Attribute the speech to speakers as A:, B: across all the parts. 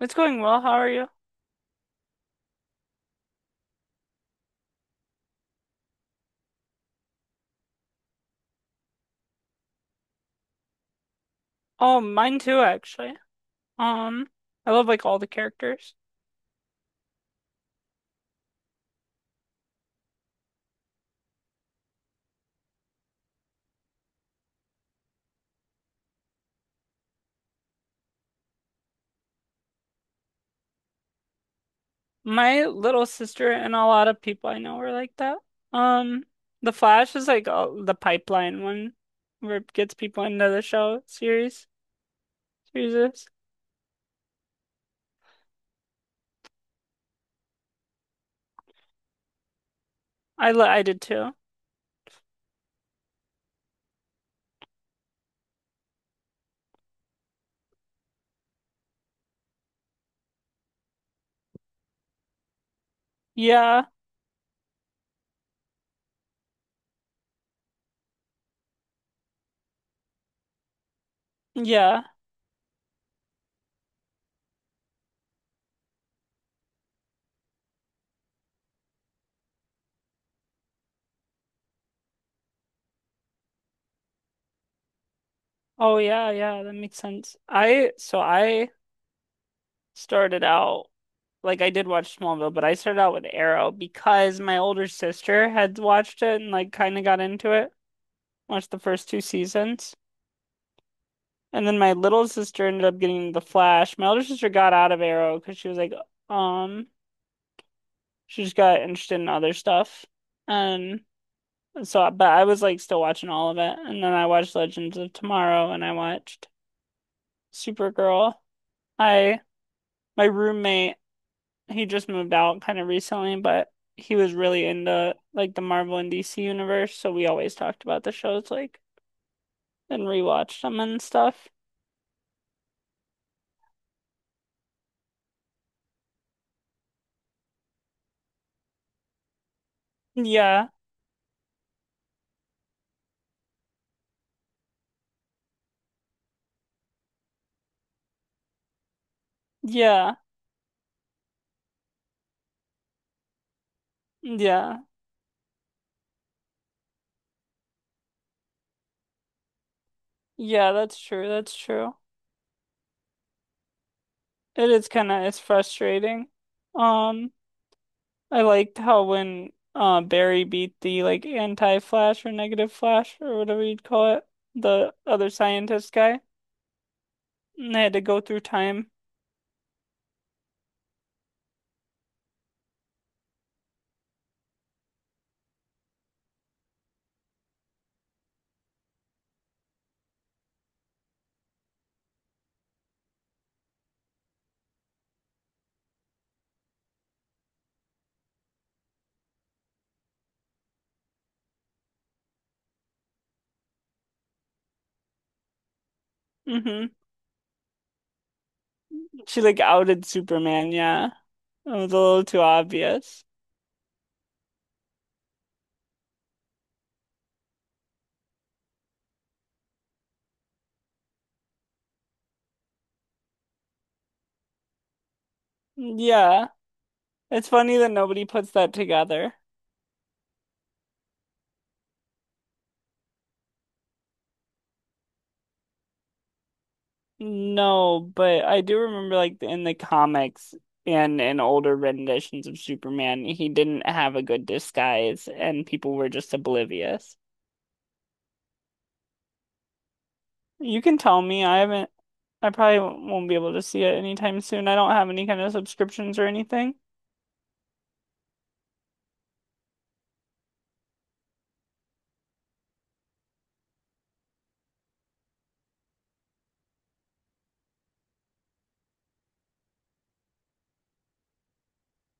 A: It's going well. How are you? Oh, mine too, actually. Um, I love like all the characters. My little sister and a lot of people I know are like that. Um, The Flash is like the pipeline one where it gets people into the show series. Series. Is. I did too. Yeah. Yeah. Oh yeah, yeah, that makes sense. I so I started out like I did watch Smallville, but I started out with Arrow because my older sister had watched it and like kind of got into it. Watched the first two seasons. And then my little sister ended up getting The Flash. My older sister got out of Arrow because she was like, um, she just got interested in other stuff. And so, but I was like still watching all of it. And then I watched Legends of Tomorrow and I watched Supergirl. I, my roommate, he just moved out kind of recently, but he was really into like the Marvel and DC universe. So we always talked about the shows like and rewatched them and stuff. Yeah. Yeah. Yeah. Yeah, that's true. That's true. It is it's frustrating. Um, I liked how when Barry beat the like anti-Flash or negative Flash or whatever you'd call it, the other scientist guy, and they had to go through time. Hmm. She like outed Superman. Yeah, it was a little too obvious. Yeah, it's funny that nobody puts that together. No, but I do remember like in the comics and in older renditions of Superman, he didn't have a good disguise and people were just oblivious. You can tell me, I haven't, I probably won't be able to see it anytime soon. I don't have any kind of subscriptions or anything.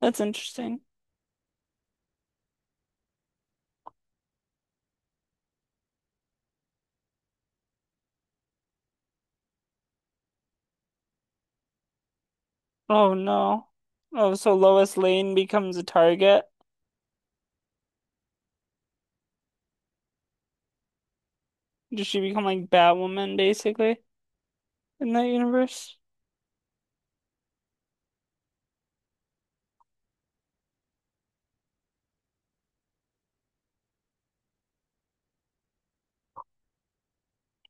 A: That's interesting. Oh no. Oh, so Lois Lane becomes a target. Does she become like Batwoman basically in that universe?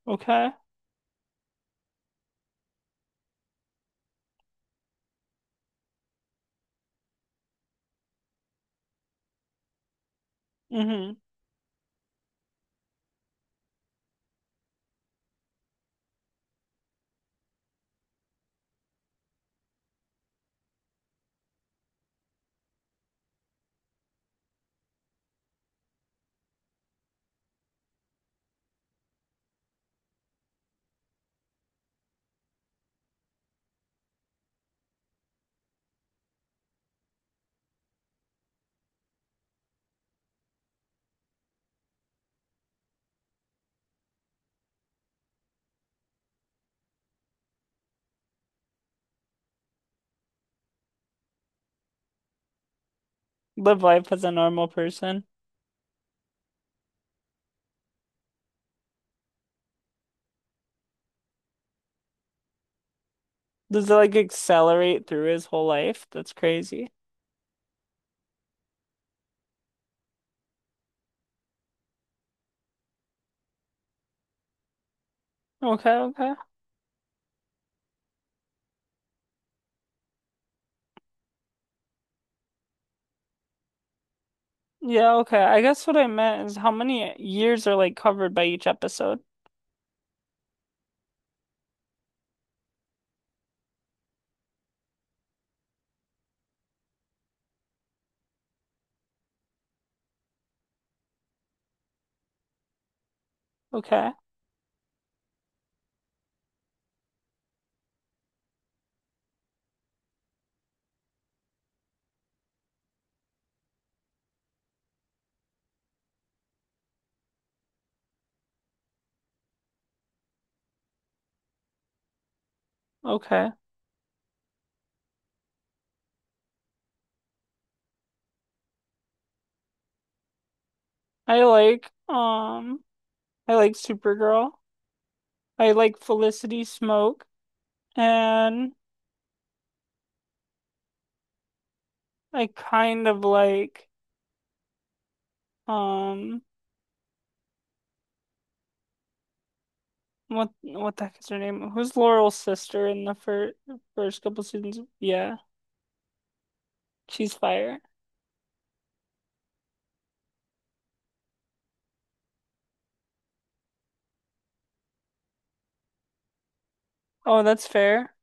A: Okay. Mm-hmm. Live life as a normal person. Does it like accelerate through his whole life? That's crazy. Okay, okay. Yeah, okay. I guess what I meant is how many years are like covered by each episode. Okay. Okay. I like um I like Supergirl. I like Felicity Smoke and I kind of like um what the heck is her name? Who's Laurel's sister in the first couple seasons? Yeah, she's fire. Oh, that's fair.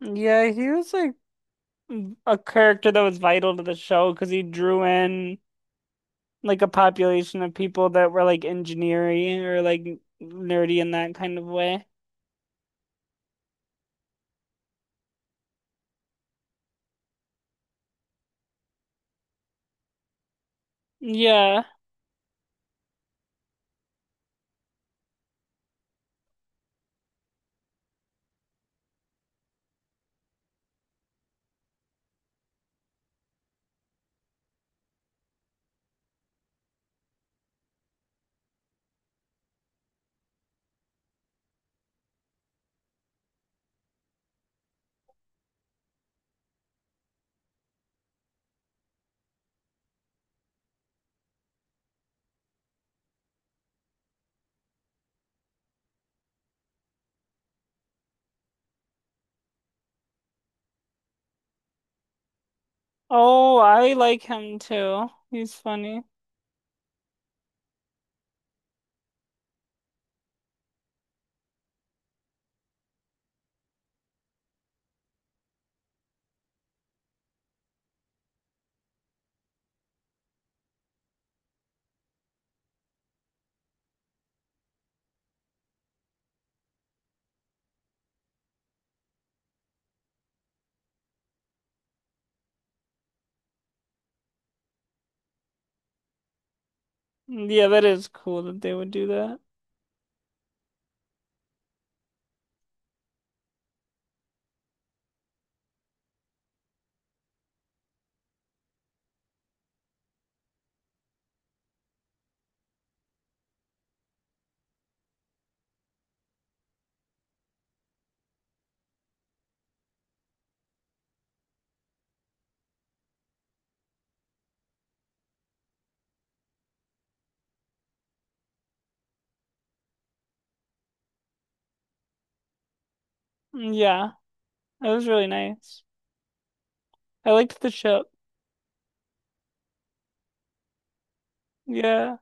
A: Yeah, he was like a character that was vital to the show because he drew in like a population of people that were like engineering or like nerdy in that kind of way. Yeah. Oh, I like him too. He's funny. Yeah, that is cool that they would do that. Yeah, it was really nice. I liked the ship. Yeah.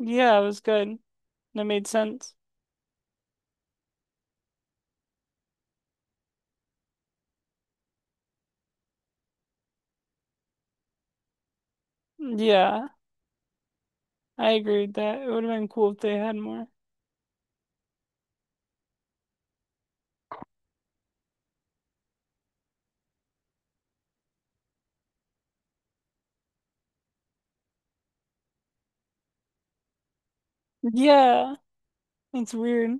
A: Yeah, it was good. That made sense. Yeah, I agree with that. It would have been cool if they had more. Yeah, it's weird.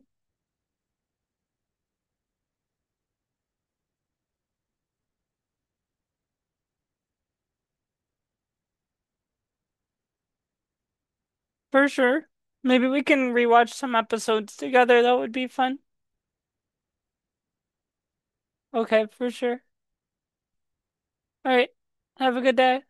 A: For sure. Maybe we can rewatch some episodes together. That would be fun. Okay, for sure. All right. Have a good day.